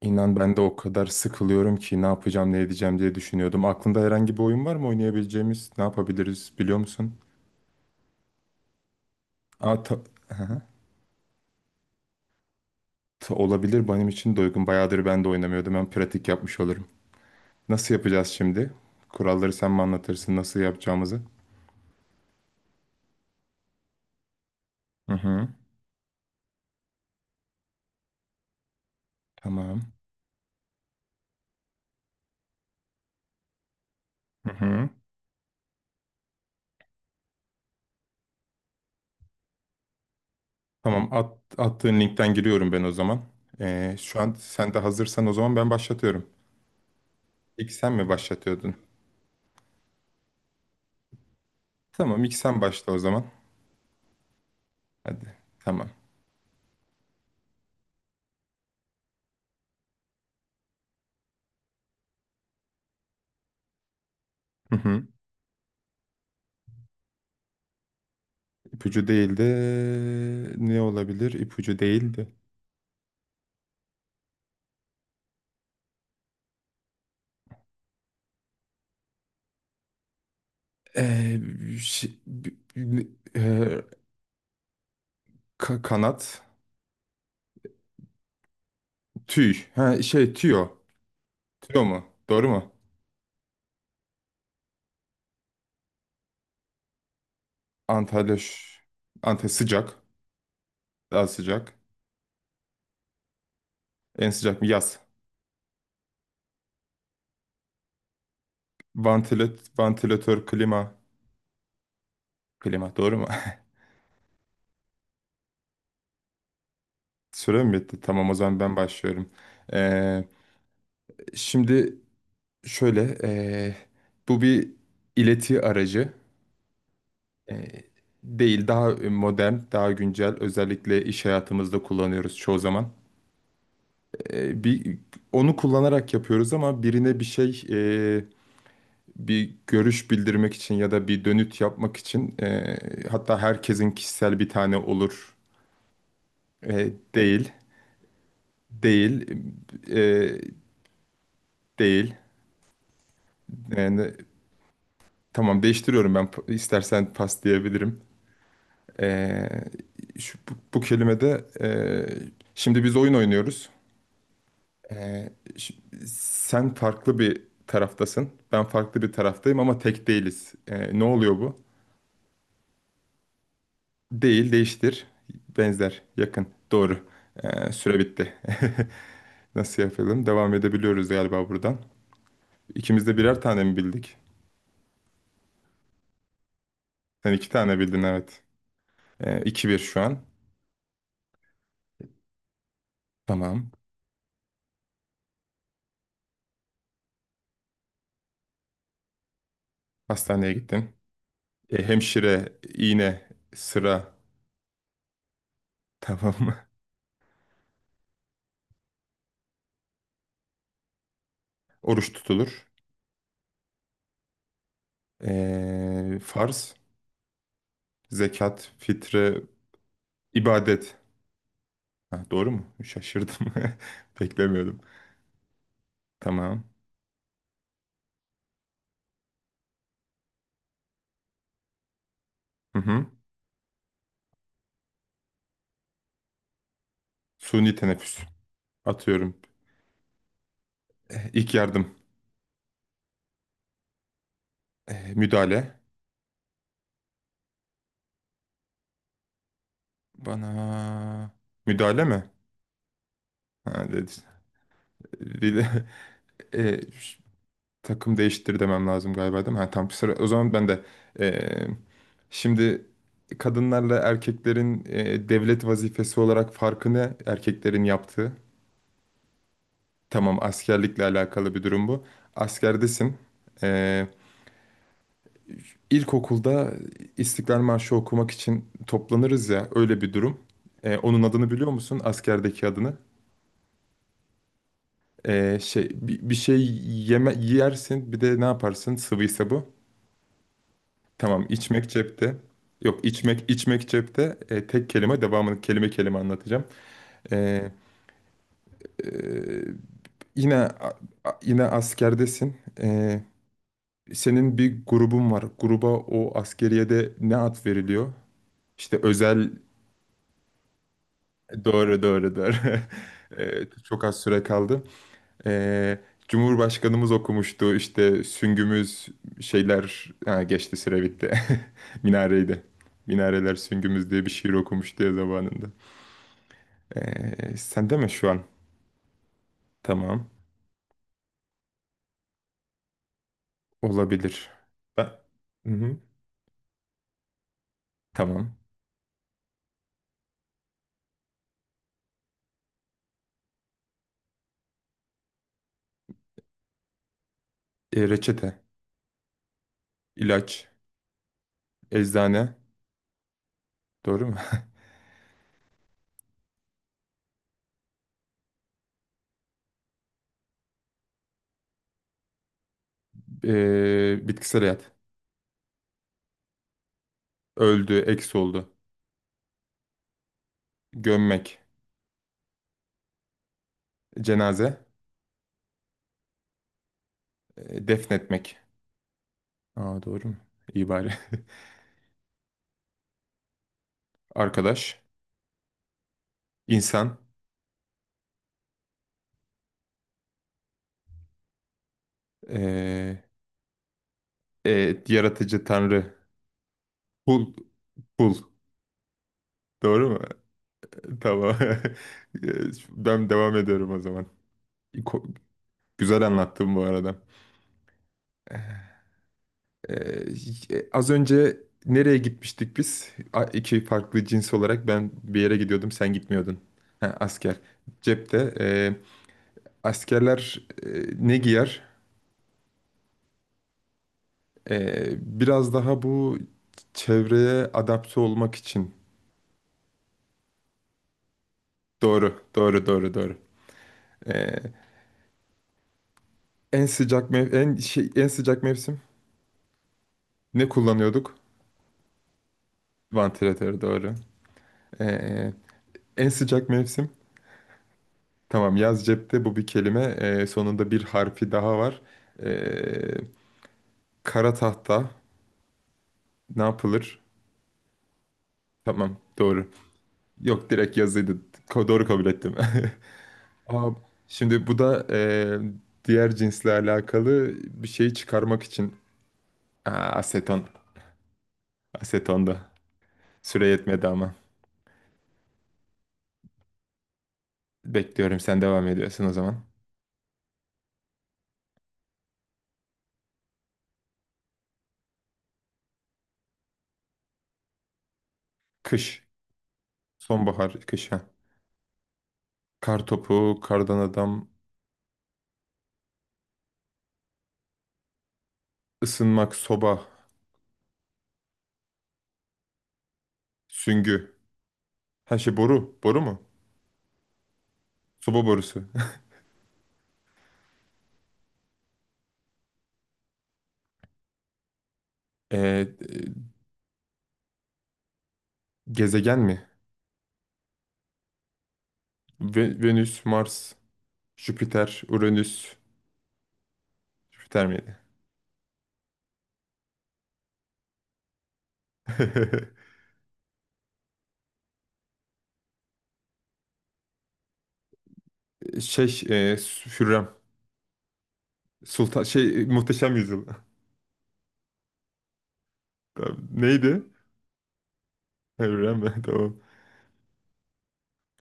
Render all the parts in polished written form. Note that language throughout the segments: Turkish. İnan ben de o kadar sıkılıyorum ki ne yapacağım ne edeceğim diye düşünüyordum. Aklında herhangi bir oyun var mı oynayabileceğimiz? Ne yapabiliriz biliyor musun? Aa, Aha. Olabilir benim için de uygun. Bayağıdır ben de oynamıyordum. Ben pratik yapmış olurum. Nasıl yapacağız şimdi? Kuralları sen mi anlatırsın nasıl yapacağımızı? Hı hı. Tamam. Hı hı. Tamam attığın linkten giriyorum ben o zaman. Şu an sen de hazırsan o zaman ben başlatıyorum. İlk sen mi başlatıyordun? Tamam ilk sen başla o zaman. Hadi. Tamam. Hı hı. İpucu değildi. Ne olabilir? İpucu değildi. Ee, şey- b- b- e, kanat. Tüy. Ha, tüyo. Tüyo mu? Doğru mu? Antalya, ş- Antalya sıcak. Daha sıcak. En sıcak mı? Yaz. Vantilatör, klima. Klima doğru mu? Süre mi bitti? Tamam o zaman ben başlıyorum. Ee, şimdi şöyle. Bu bir ileti aracı. E, değil daha modern, daha güncel özellikle iş hayatımızda kullanıyoruz çoğu zaman. Bir onu kullanarak yapıyoruz ama birine bir şey bir görüş bildirmek için ya da bir dönüt yapmak için hatta herkesin kişisel bir tane olur. E, değil, değil, e, değil. Yani, tamam değiştiriyorum ben istersen pas diyebilirim. E, bu kelimede şimdi biz oyun oynuyoruz. Ee, ş- sen farklı bir taraftasın. Ben farklı bir taraftayım ama tek değiliz. Ne oluyor bu? Değil, değiştir, benzer, yakın, doğru. Süre bitti. Nasıl yapalım? Devam edebiliyoruz galiba buradan. İkimiz de birer tane mi bildik? Sen iki tane bildin, evet. 2-1 şu an. Tamam. Hastaneye gittin. Hemşire, iğne, sıra. Tamam. Oruç tutulur. Farz, zekat, fitre, ibadet. Ha, doğru mu? Şaşırdım. Beklemiyordum. Tamam. Hı hı. Suni teneffüs. Atıyorum. İlk yardım. Müdahale. Bana... Müdahale mi? Ha, dedi. Dile- Eh, Takım değiştir demem lazım galiba, değil mi? Ha, tamam. Sıra. O zaman ben de... eh, şimdi kadınlarla erkeklerin devlet vazifesi olarak farkını erkeklerin yaptığı. Tamam, askerlikle alakalı bir durum bu. Askerdesin. Eh, İlkokulda İstiklal Marşı okumak için toplanırız ya, öyle bir durum. Onun adını biliyor musun? Askerdeki adını. Bir, şey yeme yersin bir de ne yaparsın? Sıvıysa bu. Tamam, içmek cepte. Yok, içmek içmek cepte. Tek kelime, devamını kelime kelime anlatacağım. Ee, e, yine a- yine askerdesin. Senin bir grubun var. Gruba o askeriyede ne ad veriliyor? İşte özel. Doğru, doğru, doğru. Çok az süre kaldı. Eee, Cumhurbaşkanımız okumuştu işte süngümüz şeyler, ha, geçti, süre bitti. Minareydi. Minareler süngümüz diye bir şiir okumuştu ya zamanında. Sen de mi şu an? Tamam. Olabilir. Ben... Hı-hı. Tamam. Reçete, ilaç, eczane. Doğru mu? Bitkisel hayat. Öldü, eks oldu. Gömmek, cenaze, defnetmek. Aa, doğru mu? İyi bari. Arkadaş, insan, ee, yaratıcı tanrı, pul, pul. Doğru mu? Tamam. Ben devam ediyorum o zaman. Ko- Güzel anlattım bu arada. Az önce nereye gitmiştik biz? İki farklı cins olarak ben bir yere gidiyordum, sen gitmiyordun. Ha, asker. Cepte. Askerler ne giyer? Ee, biraz daha bu çevreye adapte olmak için. Doğru, doğru, doğru, doğru. Ee, en sıcak mevsim ne kullanıyorduk? Vantilatör doğru. Ee, En sıcak mevsim. Tamam, yaz cepte, bu bir kelime. Sonunda bir harfi daha var. Ee, kara tahta ne yapılır? Tamam, doğru. Yok, direkt yazıydı. Doğru, kabul ettim. Aa, şimdi bu da diğer cinsle alakalı bir şeyi çıkarmak için. Aa, aseton. Aseton da. Süre yetmedi ama. Bekliyorum, sen devam ediyorsun o zaman. Kış. Sonbahar, kış ha. Kar topu, kardan adam, ısınmak, soba, süngü. Her şey boru. Boru mu? Soba borusu. Eee, e, gezegen mi? Venüs, Mars, Jüpiter, Uranüs. Jüpiter miydi? Şey, eee Hürrem. Sultan Muhteşem Yüzyıl. Tamam. Neydi? Evren mi? Tamam.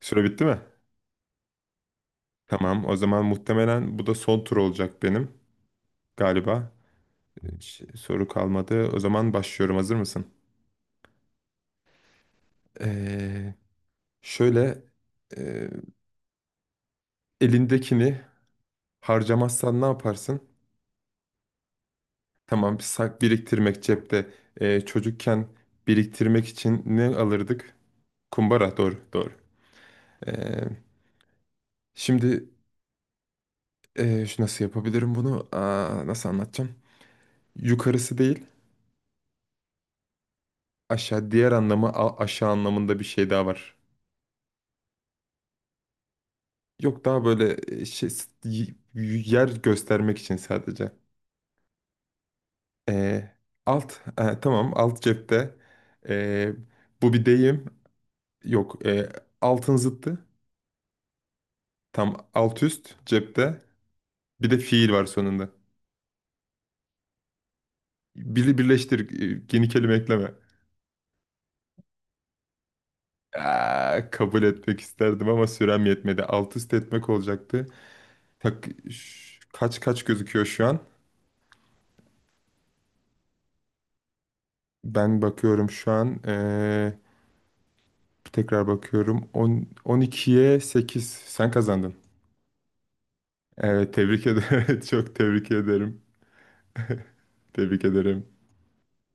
Süre bitti mi? Tamam. O zaman muhtemelen bu da son tur olacak benim galiba. Hiç soru kalmadı. O zaman başlıyorum. Hazır mısın? Ee, şöyle e, elindekini harcamazsan ne yaparsın? Tamam, biriktirmek cepte. Çocukken biriktirmek için ne alırdık? Kumbara. Doğru, doğru. Ee, şimdi şu, nasıl yapabilirim bunu? Aa, nasıl anlatacağım? Yukarısı değil, aşağı, diğer anlamı aşağı anlamında bir şey daha var. Yok, daha böyle yer göstermek için sadece. Ee, alt tamam, alt cepte. Ee, bu bir deyim. Yok, altın zıttı. Tam alt üst cepte. Bir de fiil var sonunda. Biri birleştir, yeni kelime ekleme. Aa, kabul etmek isterdim ama sürem yetmedi. Alt üst etmek olacaktı. Kaç kaç gözüküyor şu an? Ben bakıyorum şu an. Tekrar bakıyorum. 10, 12'ye 8. Sen kazandın. Evet, tebrik ederim. Çok tebrik ederim. Tebrik ederim.